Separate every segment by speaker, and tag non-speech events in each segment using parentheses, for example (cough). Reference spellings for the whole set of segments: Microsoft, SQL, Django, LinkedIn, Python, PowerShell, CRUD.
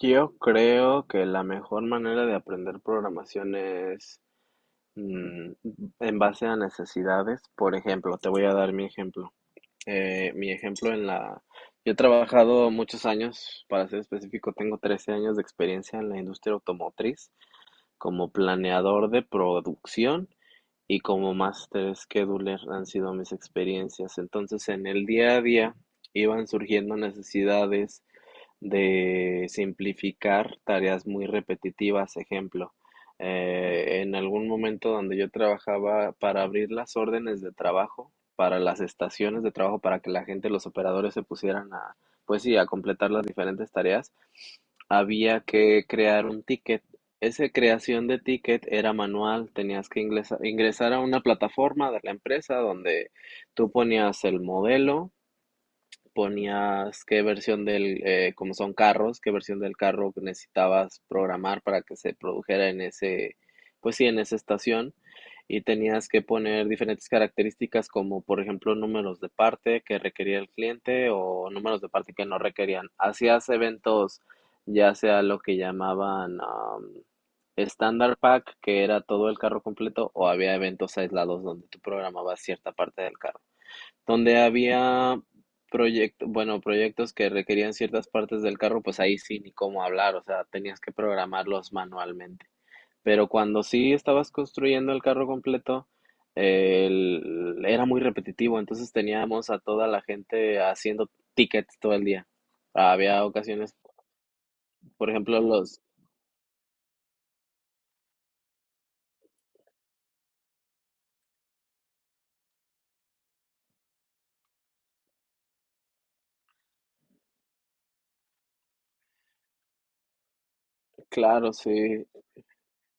Speaker 1: Yo creo que la mejor manera de aprender programación es mm, en base a necesidades. Por ejemplo, te voy a dar mi ejemplo. Mi ejemplo en la... Yo he trabajado muchos años, para ser específico, tengo 13 años de experiencia en la industria automotriz como planeador de producción y como master scheduler han sido mis experiencias. Entonces, en el día a día iban surgiendo necesidades de simplificar tareas muy repetitivas. Ejemplo, en algún momento donde yo trabajaba para abrir las órdenes de trabajo, para las estaciones de trabajo, para que la gente, los operadores se pusieran a, pues sí, a completar las diferentes tareas, había que crear un ticket. Esa creación de ticket era manual, tenías que ingresar a una plataforma de la empresa donde tú ponías el modelo, ponías qué versión del, como son carros, qué versión del carro que necesitabas programar para que se produjera en ese, pues sí, en esa estación. Y tenías que poner diferentes características como, por ejemplo, números de parte que requería el cliente o números de parte que no requerían. Hacías eventos, ya sea lo que llamaban Standard Pack, que era todo el carro completo, o había eventos aislados donde tú programabas cierta parte del carro. Donde había proyectos, bueno, proyectos que requerían ciertas partes del carro, pues ahí sí, ni cómo hablar, o sea, tenías que programarlos manualmente. Pero cuando sí estabas construyendo el carro completo, era muy repetitivo, entonces teníamos a toda la gente haciendo tickets todo el día. Había ocasiones, por ejemplo, los, claro, sí,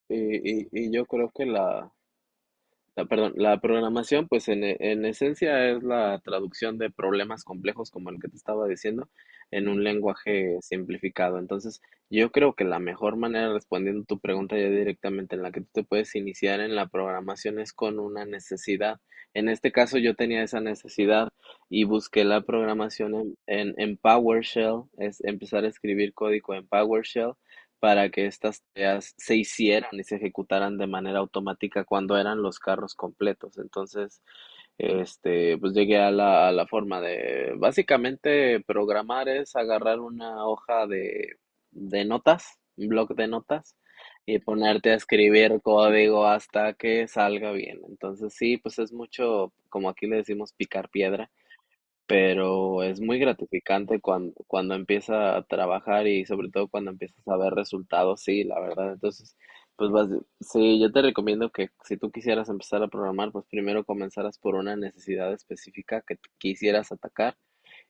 Speaker 1: y yo creo que la... La, perdón, la programación, pues en, en esencia es la traducción de problemas complejos, como el que te estaba diciendo, en un lenguaje simplificado. Entonces, yo creo que la mejor manera, respondiendo tu pregunta ya directamente, en la que tú te puedes iniciar en la programación es con una necesidad. En este caso, yo tenía esa necesidad y busqué la programación en PowerShell, es empezar a escribir código en PowerShell para que estas tareas se hicieran y se ejecutaran de manera automática cuando eran los carros completos. Entonces, este, pues llegué a la forma de, básicamente, programar es agarrar una hoja de notas, un bloc de notas, y ponerte a escribir código hasta que salga bien. Entonces, sí, pues es mucho, como aquí le decimos, picar piedra, pero es muy gratificante cuando, cuando empieza a trabajar y sobre todo cuando empiezas a ver resultados, sí, la verdad. Entonces, pues vas, sí, yo te recomiendo que si tú quisieras empezar a programar, pues primero comenzaras por una necesidad específica que tú quisieras atacar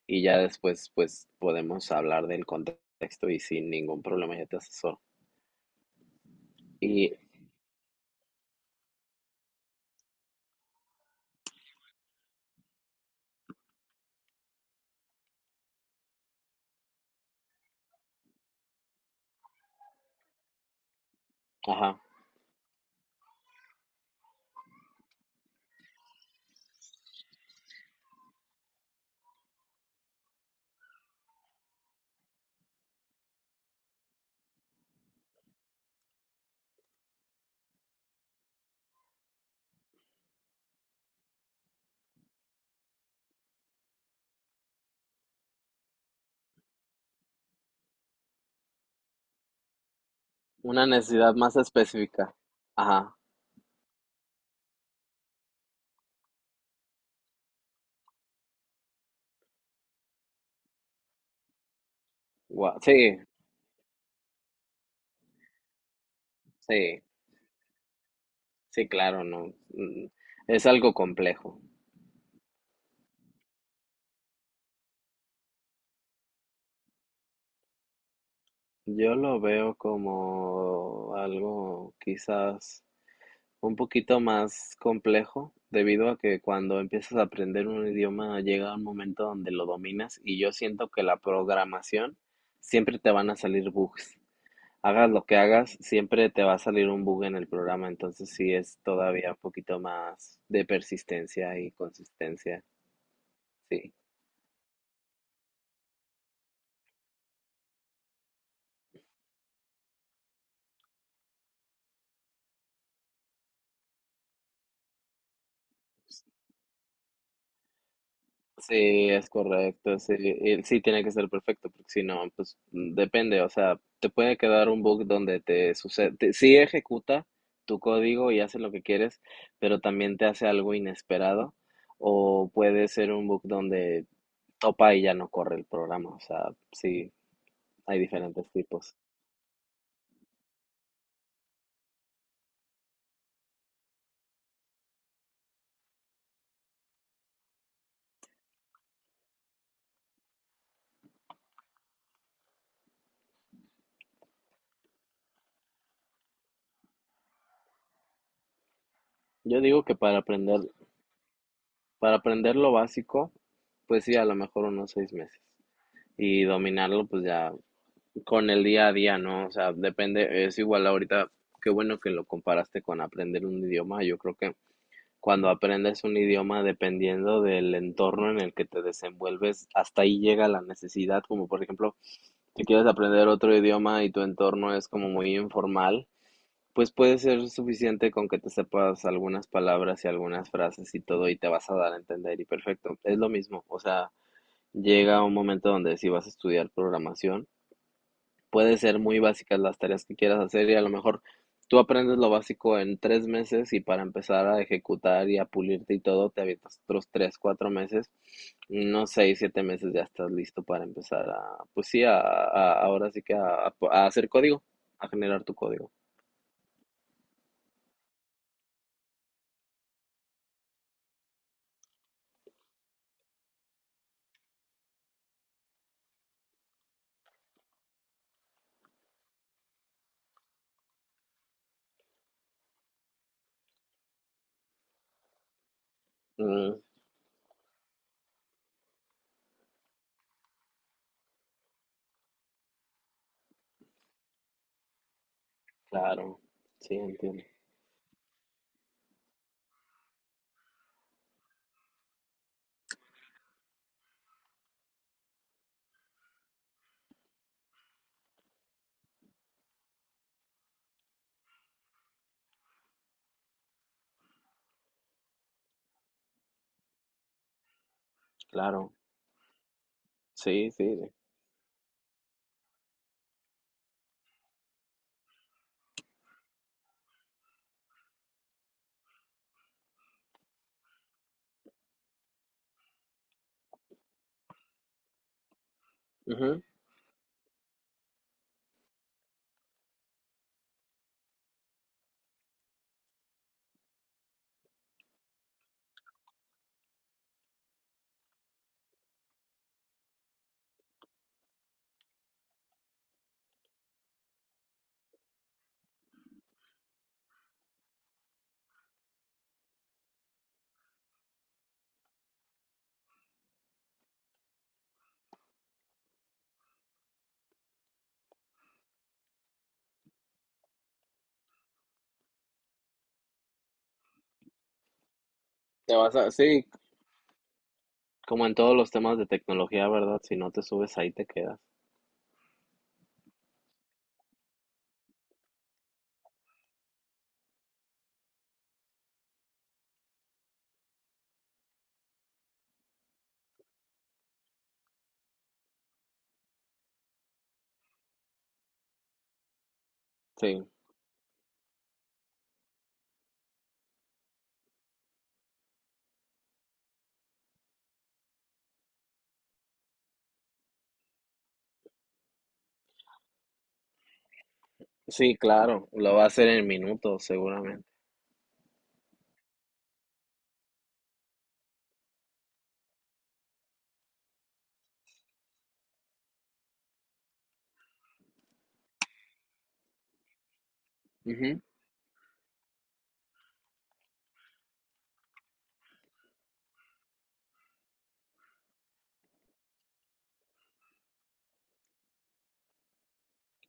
Speaker 1: y ya después, pues podemos hablar del contexto y sin ningún problema yo te asesoro. Y, ajá, una necesidad más específica. Ajá, gua- sí, sí, sí, claro, no. mm, Es algo complejo. Yo lo veo como algo quizás un poquito más complejo, debido a que cuando empiezas a aprender un idioma llega un momento donde lo dominas y yo siento que la programación siempre te van a salir bugs. Hagas lo que hagas, siempre te va a salir un bug en el programa, entonces sí es todavía un poquito más de persistencia y consistencia, sí. Sí, es correcto, sí, y sí tiene que ser perfecto, porque si no, pues depende, o sea, te puede quedar un bug donde te sucede, sí ejecuta tu código y hace lo que quieres, pero también te hace algo inesperado, o puede ser un bug donde topa y ya no corre el programa, o sea, sí, hay diferentes tipos. Yo digo que para aprender lo básico, pues sí, a lo mejor unos 6 meses, y dominarlo, pues ya con el día a día, ¿no? O sea, depende, es igual ahorita, qué bueno que lo comparaste con aprender un idioma. Yo creo que cuando aprendes un idioma, dependiendo del entorno en el que te desenvuelves, hasta ahí llega la necesidad, como por ejemplo, si quieres aprender otro idioma y tu entorno es como muy informal, pues puede ser suficiente con que te sepas algunas palabras y algunas frases y todo y te vas a dar a entender y perfecto. Es lo mismo, o sea, llega un momento donde si vas a estudiar programación, puede ser muy básicas las tareas que quieras hacer y a lo mejor tú aprendes lo básico en 3 meses y para empezar a ejecutar y a pulirte y todo, te avientas otros 3, 4 meses, no 6, 7 meses ya estás listo para empezar a, pues sí, a, ahora sí que a hacer código, a generar tu código. Mm, claro, sí, entiendo. Claro, sí, sí. Ujú. Te vas a, sí, como en todos los temas de tecnología, ¿verdad? Si no te subes ahí te quedas. Sí. Sí, claro, lo va a hacer en minutos, seguramente. Ujú.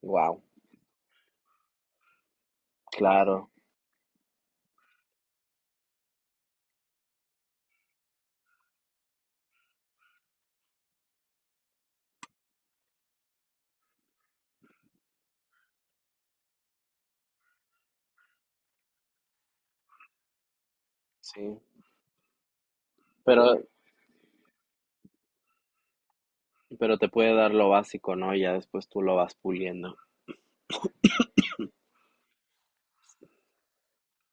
Speaker 1: Wow, claro, sí. Pero, pero te puede dar lo básico, ¿no? Y ya después tú lo vas puliendo.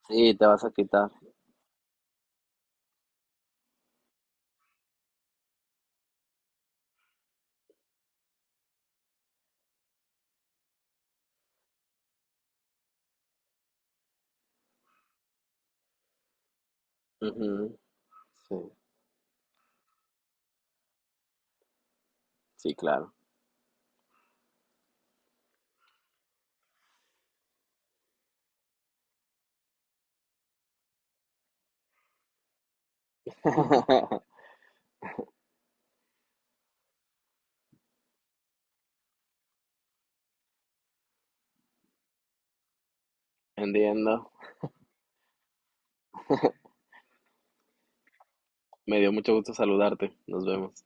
Speaker 1: Sí, te vas a quitar. Ujú. Sí, sí, claro. (laughs) Entiendo. Me dio mucho gusto saludarte. Nos vemos.